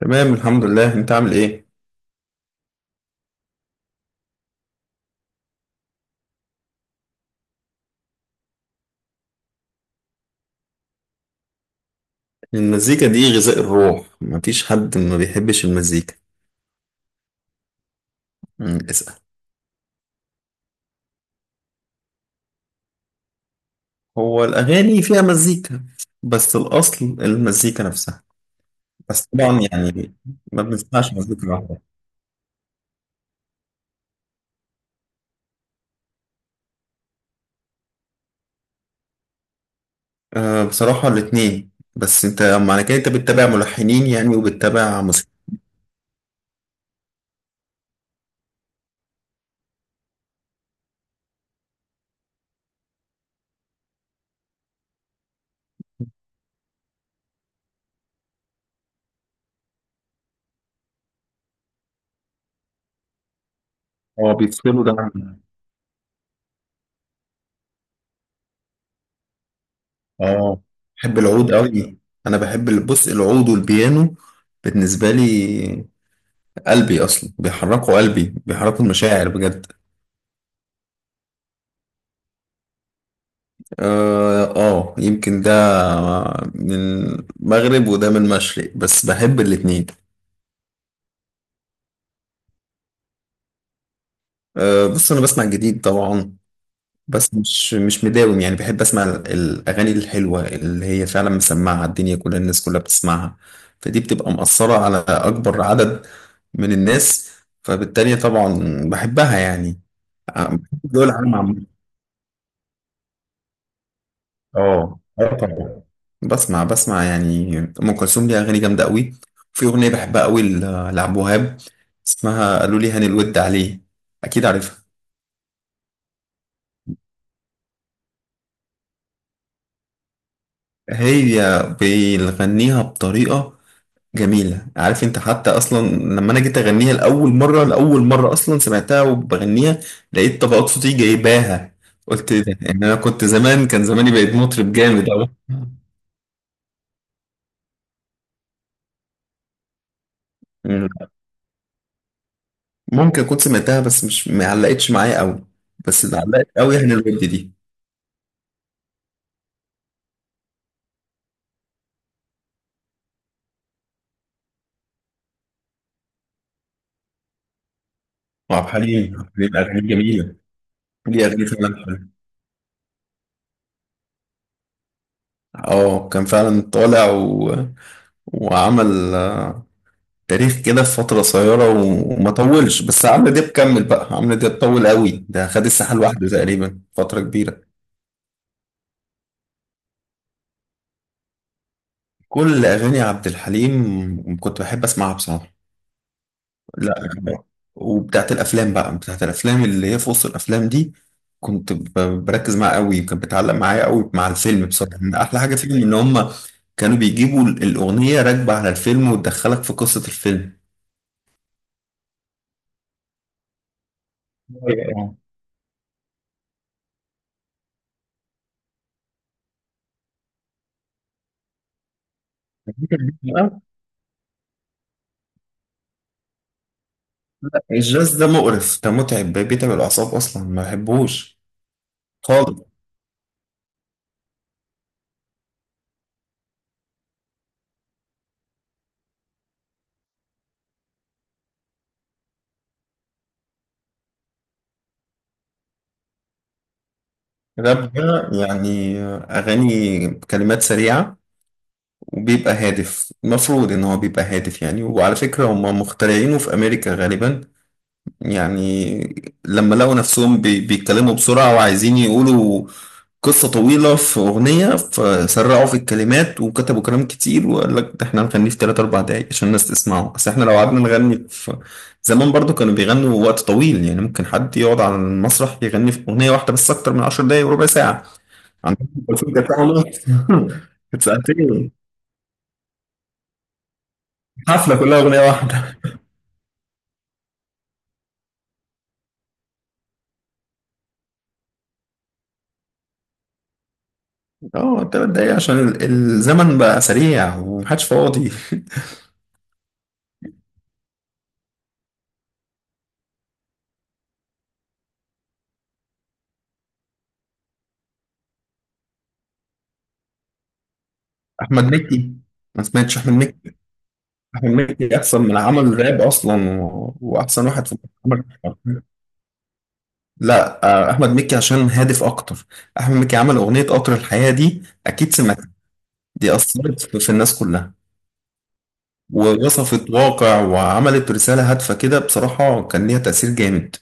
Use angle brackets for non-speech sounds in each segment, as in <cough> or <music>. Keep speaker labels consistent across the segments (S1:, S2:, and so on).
S1: تمام، الحمد لله. انت عامل ايه؟ المزيكا دي غذاء الروح، مفيش حد ما بيحبش المزيكا. مم، اسأل. هو الاغاني فيها مزيكا. بس الاصل المزيكا نفسها. بس طبعا يعني، ما بنسمعش مزيكا واحدة. أه بصراحة الاتنين، بس انت معنى كده انت بتتابع ملحنين يعني وبتتابع موسيقى. اه بيفصلوا ده عن. اه بحب العود قوي. انا بحب بص، العود والبيانو. بالنسبة لي، قلبي اصلا بيحركوا قلبي، بيحركوا المشاعر بجد. اه، يمكن ده من مغرب وده من مشرق بس بحب الاتنين. أه بص، انا بسمع جديد طبعا. بس مش مداوم، يعني بحب اسمع الاغاني الحلوه اللي هي فعلا مسمعه الدنيا كلها، الناس كلها بتسمعها. فدي بتبقى مأثره على اكبر عدد من الناس، فبالتالي طبعا بحبها يعني. بحب دول العالم عامة. اه اه طبعا. بسمع بسمع يعني ام كلثوم ليها اغاني جامده قوي. في اغنيه بحبها قوي لعبد الوهاب، اسمها قالوا لي هاني الود عليه، اكيد عارفها. هي بيغنيها بطريقه جميله. عارف انت حتى اصلا لما انا جيت اغنيها لاول مره، لاول مره اصلا سمعتها وبغنيها لقيت طبقات صوتي جايباها، قلت ايه ده يعني؟ انا كنت زمان، كان زماني بقيت مطرب جامد قوي. ممكن كنت سمعتها بس مش ما علقتش معايا قوي. بس اللي علقت قوي هنا الود دي. وعبد الحليم، عبد الحليم اغاني جميله. ليه اغاني فعلا حلوه. اه كان فعلا طالع وعمل، تاريخ كده في فتره قصيره وما طولش. بس عمرو دياب كمل، بقى عمرو دياب طول قوي، ده خد الساحه لوحده تقريبا فتره كبيره. كل اغاني عبد الحليم كنت بحب اسمعها بصراحه. لا. وبتاعت الافلام بقى بتاعت الافلام اللي هي في وسط الافلام دي، كنت بركز معاها قوي، كانت بتعلق معايا قوي مع الفيلم. بصراحه من احلى حاجه فيهم ان هم كانوا بيجيبوا الاغنيه راكبه على الفيلم وتدخلك في قصه الفيلم. أيوة. لا الجاز ده مقرف، ده متعب، بيتعب الاعصاب اصلا، ما بحبوش خالص. الراب ده يعني اغاني كلمات سريعه، وبيبقى هادف، المفروض ان هو بيبقى هادف يعني. وعلى فكره هم مخترعينه في امريكا غالبا، يعني لما لقوا نفسهم بيتكلموا بسرعة، وعايزين يقولوا قصة طويلة في أغنية، فسرعوا في الكلمات وكتبوا كلام كتير. وقال لك ده احنا هنغنيه في تلات أربع دقايق عشان الناس تسمعه، بس احنا لو قعدنا نغني في زمان برضو كانوا بيغنوا وقت طويل. يعني ممكن حد يقعد على المسرح يغني في أغنية واحدة بس أكتر من 10 دقايق وربع ساعة. عندهم كلثوم كانت ساعة ونص <laughs> كانت ساعتين، حفلة كلها أغنية واحدة. اه 3 دقايق عشان الزمن بقى سريع ومحدش فاضي. احمد مكي، ما سمعتش احمد مكي. احمد مكي احسن من عمل راب اصلا، واحسن واحد في عمل. لا، احمد مكي عشان هادف اكتر. احمد مكي عمل اغنيه قطر الحياه دي، اكيد سمعت. دي اثرت في الناس كلها، ووصفت واقع وعملت رساله هادفه كده، بصراحه كان ليها تاثير جامد.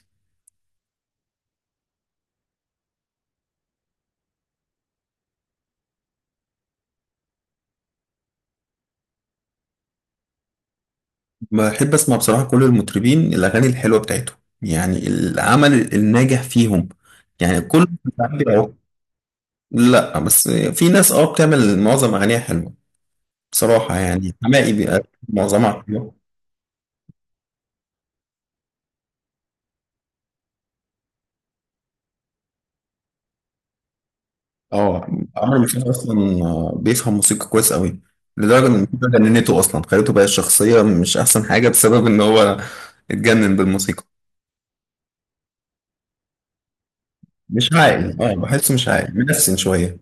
S1: بحب اسمع بصراحه كل المطربين، الاغاني الحلوه بتاعتهم يعني العمل الناجح فيهم. يعني كل، لا بس في ناس اه بتعمل معظم اغانيها حلوه. بصراحة يعني حماقي بيبقى معظمها حلوة. اه عمرو مشاهد أصلا، بيفهم موسيقى كويس أوي. لدرجة إن الموسيقى جننته أصلا، خليته بقى الشخصية مش أحسن حاجة، بسبب إن هو اتجنن بالموسيقى. مش عاقل، اه بحسه مش عاقل، منفسن شوية.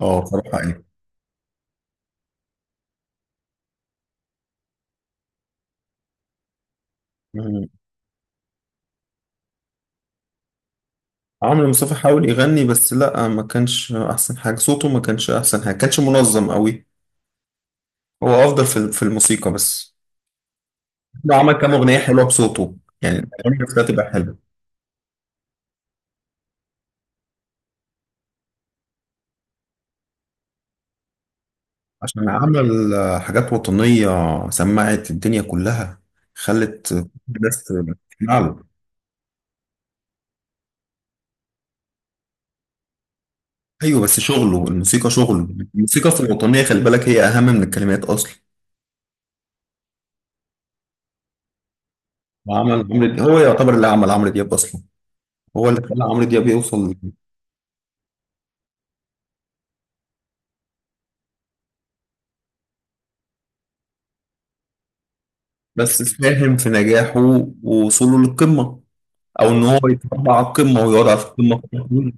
S1: اه بصراحة يعني. مم. عمرو مصطفى حاول يغني بس لأ، ما كانش أحسن حاجة صوته، ما كانش أحسن حاجة، كانش منظم أوي. هو أفضل في الموسيقى بس. هو عمل كام أغنية حلوة بصوته، يعني الأغاني بتاعته تبقى حلوة. عشان عمل، حاجات وطنية سمعت الدنيا كلها، خلت الناس تسمع له. أيوة بس شغله الموسيقى شغله، الموسيقى في الوطنية خلي بالك هي أهم من الكلمات أصلا. وعمل عمرو دياب، هو يعتبر اللي عمل عمرو دياب أصلا، هو اللي خلى عمرو دياب يوصل. بس ساهم في نجاحه ووصوله للقمة، أو إن هو يتربع على القمة ويقعد في القمة فترة طويلة.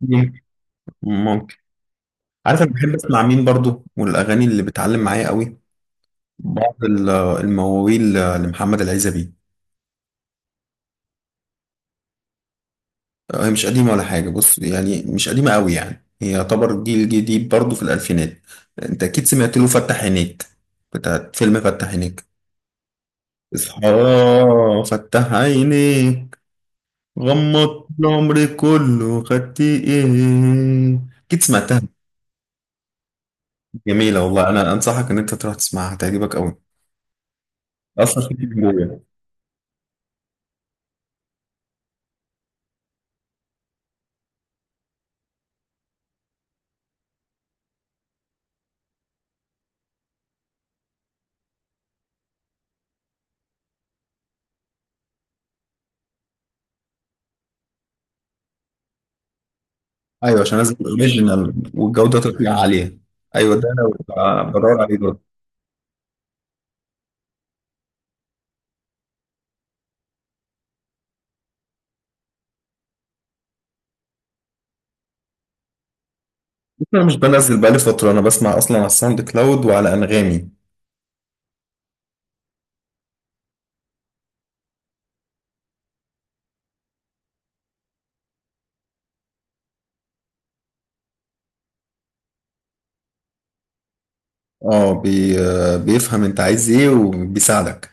S1: ممكن، ممكن. عارف أنا بحب أسمع مين برضو والأغاني اللي بتعلم معايا قوي؟ بعض المواويل لمحمد العزبي. هي مش قديمة ولا حاجة، بص يعني مش قديمة قوي يعني، هي يعتبر جيل جديد برضه في الألفينات. أنت أكيد سمعت له فتح عينيك، بتاعت فيلم فتح عينيك. اصحى، فتح عينيك، غمضت العمر كله خدت إيه. أكيد سمعتها. جميلة والله، أنا أنصحك إن أنت تروح تسمعها هتعجبك قوي، أصلا في جوه. أيوه عشان نازل أوريجينال والجودة تطلع عالية. أيوه ده أنا بدور عليه دلوقتي. انا مش بنزل بقالي فترة، انا بسمع اصلا على الساوند كلاود وعلى انغامي. اه، بي آه، بيفهم انت عايز ايه وبيساعدك.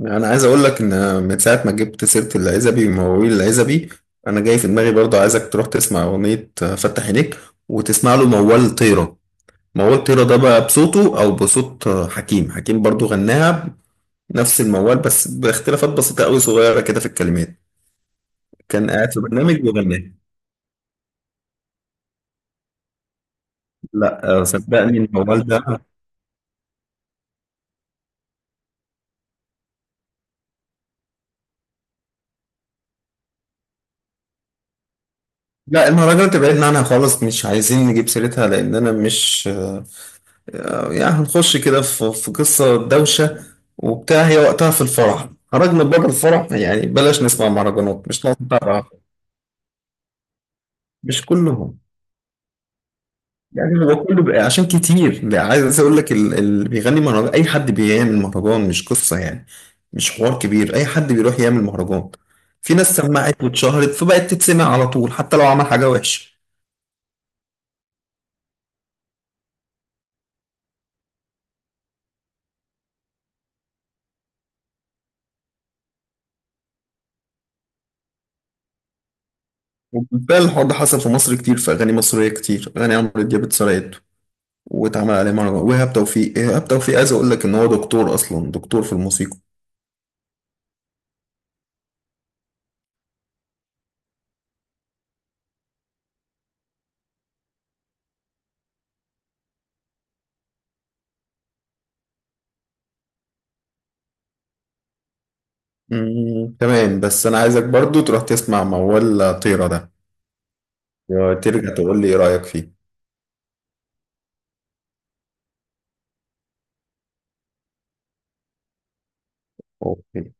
S1: انا عايز اقول لك ان من ساعة ما جبت سيرة العزبي ومواويل العزبي، انا جاي في دماغي برضه عايزك تروح تسمع اغنية، فتح عينيك، وتسمع له موال طيرة. موال طيرة ده بقى بصوته او بصوت، حكيم. حكيم برضه غناها نفس الموال بس باختلافات بسيطة قوي، صغيرة كده في الكلمات. كان قاعد في برنامج وغناها. لا، صدقني الموال ده. لا المهرجانات تبعدنا عنها خالص، مش عايزين نجيب سيرتها، لان انا مش، يعني هنخش كده في قصه دوشه وبتاع، هي وقتها في الفرح خرجنا بره الفرح، يعني بلاش نسمع مهرجانات مش ناقص بقى. مش كلهم، يعني هو كله بقى عشان كتير ده. عايز اقول لك اللي بيغني مهرجان اي حد بيعمل مهرجان، مش قصه يعني، مش حوار كبير، اي حد بيروح يعمل مهرجان. في ناس سمعت واتشهرت فبقت تتسمع على طول حتى لو عمل حاجه وحشه. وبالفعل الحوار ده حصل في مصر كتير، في أغاني مصرية كتير، أغاني عمرو دياب اتسرقت واتعمل عليه مهرجان. وإيهاب توفيق، إيهاب توفيق عايز أقول لك إن هو دكتور أصلا، دكتور في الموسيقى. مم. تمام، بس أنا عايزك برضو تروح تسمع موال طيرة ده، ترجع تقول لي إيه رأيك فيه. أوكي.